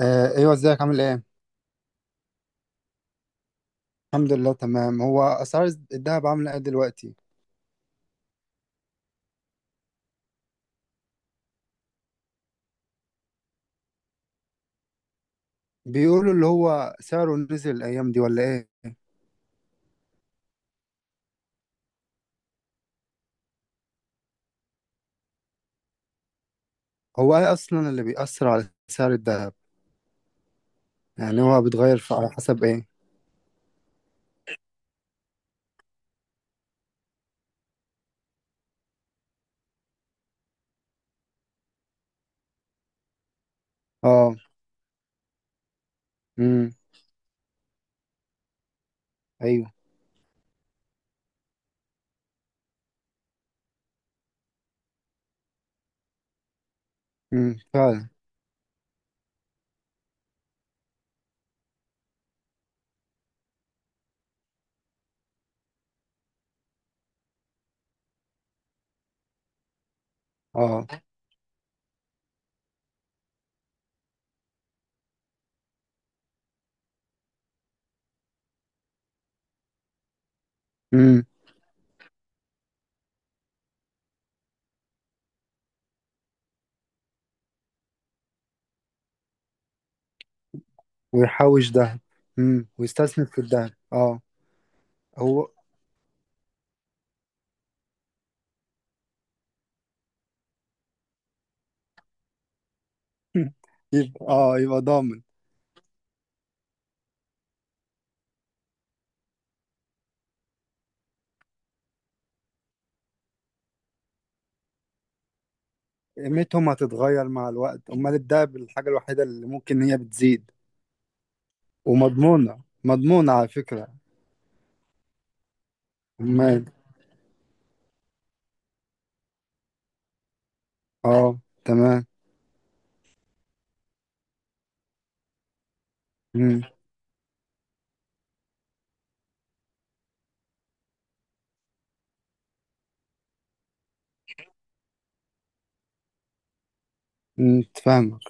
ايوه، ازيك عامل ايه؟ الحمد لله تمام. هو اسعار الذهب عامله ايه دلوقتي؟ بيقولوا اللي هو سعره نزل الايام دي ولا ايه؟ هو ايه اصلا اللي بيأثر على سعر الذهب؟ يعني هو على حسب ايه؟ اه. امم ايوه. فعلا. اه. امم ويحوش ذهب. ويستثمر في الذهب، اه. هو يبقى اه، يبقى ضامن. قيمتهم هتتغير مع الوقت، امال الذهب الحاجه الوحيده اللي ممكن هي بتزيد ومضمونه، مضمونه على فكره. مال؟ اه. تمام. امم أمم، فاهمك.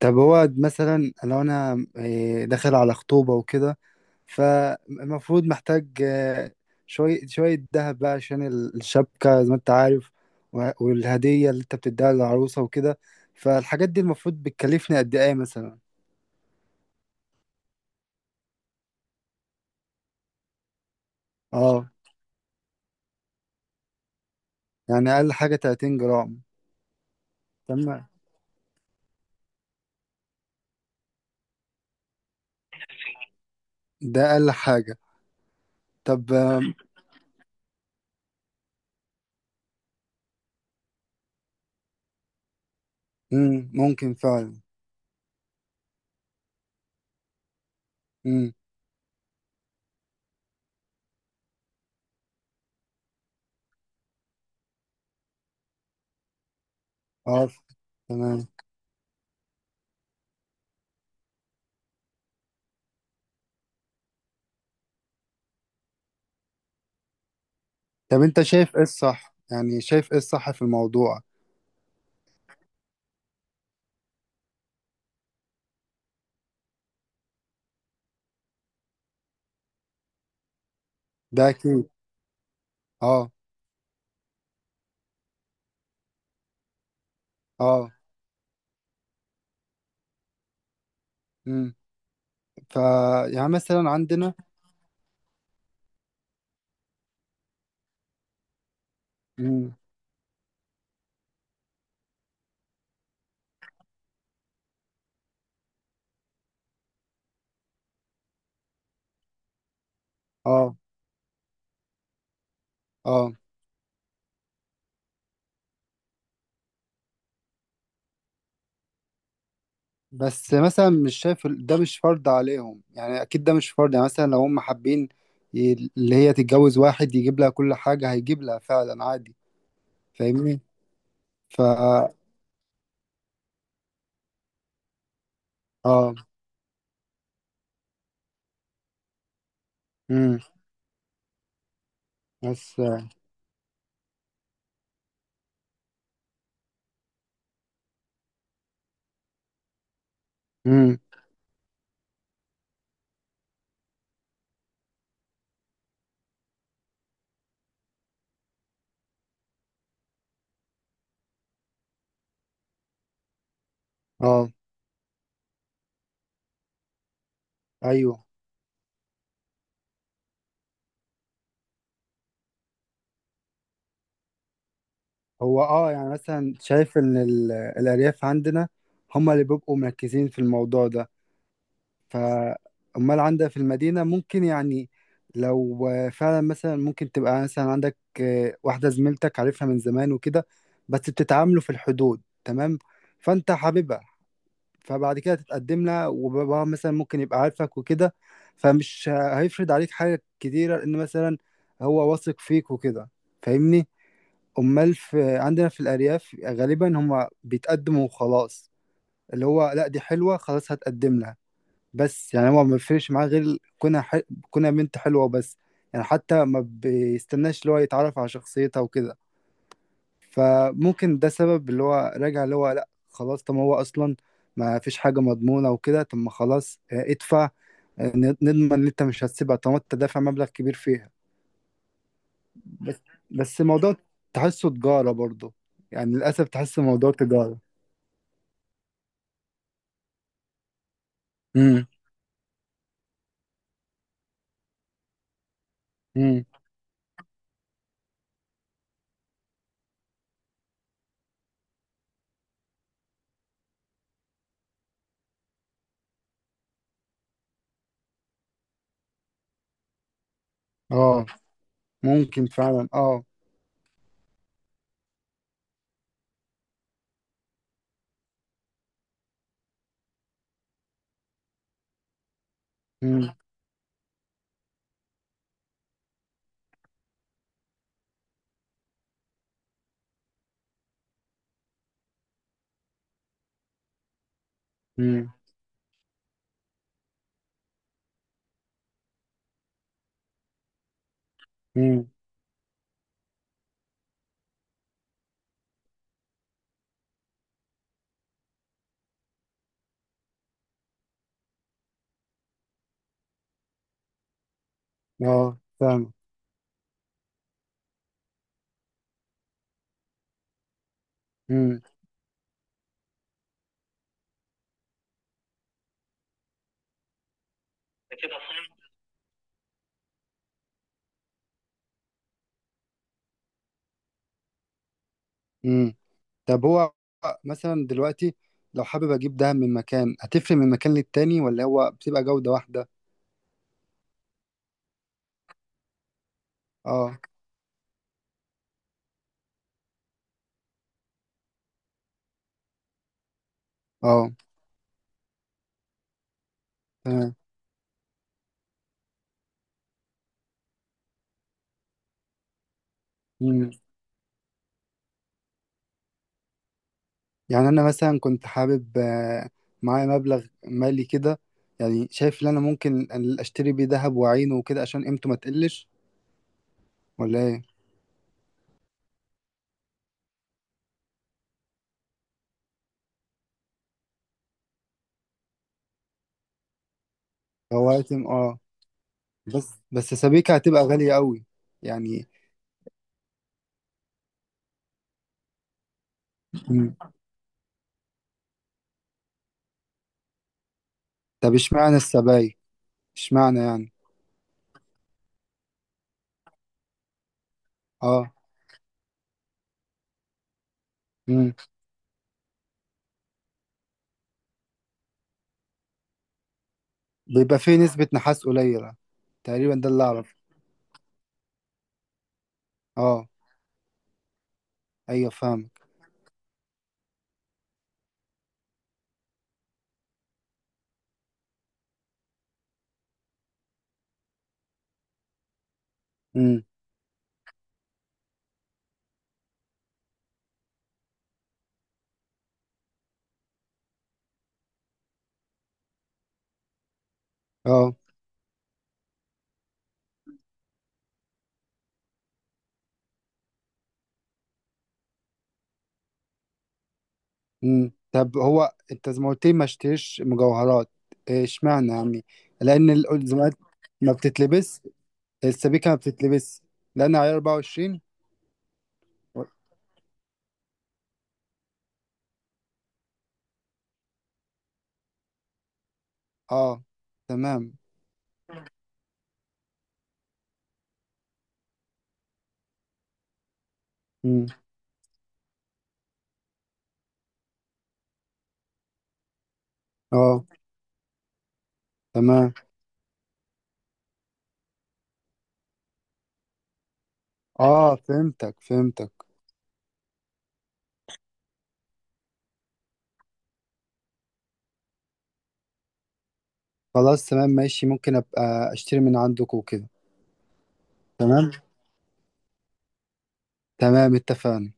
طب هو مثلا لو انا داخل على خطوبة وكده، فالمفروض محتاج شوية شوية دهب بقى عشان الشبكة زي ما انت عارف، والهدية اللي انت بتديها للعروسة وكده. فالحاجات دي المفروض بتكلفني قد ايه مثلا؟ اه. يعني اقل حاجة 30 جرام. تمام، ده اقل حاجة. طب آم، أمم، ممكن فعلا. امم اه. تمام. طب انت شايف ايه الصح؟ يعني شايف ايه الصح في الموضوع؟ ده اكيد. اه. اه. امم ف، يعني مثلا عندنا. امم اه. اه. بس مثلا مش شايف ده مش فرض عليهم، يعني اكيد ده مش فرض. يعني مثلا لو هم حابين، اللي هي تتجوز واحد يجيب لها كل حاجة، هيجيب لها فعلا عادي. فاهمني؟ ف اه. امم بس. امم اه، ايوه. هو اه، يعني مثلا شايف ان الارياف عندنا هم اللي بيبقوا مركزين في الموضوع ده. فامال عندك في المدينه ممكن يعني، لو فعلا مثلا ممكن تبقى مثلا عندك واحده زميلتك عارفها من زمان وكده، بس بتتعاملوا في الحدود تمام، فانت حاببها، فبعد كده تتقدم لها، وباباها مثلا ممكن يبقى عارفك وكده، فمش هيفرض عليك حاجه كتيره، لان مثلا هو واثق فيك وكده. فاهمني؟ امال في عندنا في الارياف غالبا هما بيتقدموا وخلاص، اللي هو لا دي حلوه خلاص، هتقدم لها. بس يعني هو ما بيفرقش معاه غير كونها كونها بنت حلوه بس، يعني حتى ما بيستناش اللي هو يتعرف على شخصيتها وكده. فممكن ده سبب اللي هو راجع، اللي هو لا خلاص، طب ما هو اصلا ما فيش حاجه مضمونه وكده، طب ما خلاص ادفع، نضمن ان انت مش هتسيبها طالما انت دافع مبلغ كبير فيها. بس بس الموضوع تحسه تجارة برضه، يعني للأسف تحس الموضوع تجارة. امم امم اه، ممكن فعلا. اه. امم امم امم اه، فاهم. امم امم طب هو مثلا دلوقتي لو حابب اجيب دهب من مكان، هتفرق من مكان للتاني ولا هو بتبقى جودة واحدة؟ اه. اه، تمام. امم يعني انا مثلا كنت حابب معايا مبلغ مالي كده، يعني شايف ان انا ممكن اشتري بيه دهب وأعينه وكده عشان قيمته ما تقلش، ولا ايه؟ هو اتم اه. بس سبيكة هتبقى غالية قوي يعني. مم. طب اشمعنى السبايك؟ اشمعنى يعني؟ اه. مم. بيبقى فيه نسبة نحاس قليلة تقريبا، ده اللي اعرفه. اه، ايوه فاهمك. مم. اه. مم. طب هو انت زي ما قلت لي ما اشتريش مجوهرات، إيه اشمعنى يا عمي؟ لان الالزمات ما بتتلبس؟ السبيكة ما بتتلبس لان عيار 24؟ اه. تمام. مم. اه. تمام. اه، فهمتك فهمتك. خلاص تمام ماشي، ممكن ابقى اشتري من عندك وكده. تمام. تمام، اتفقنا.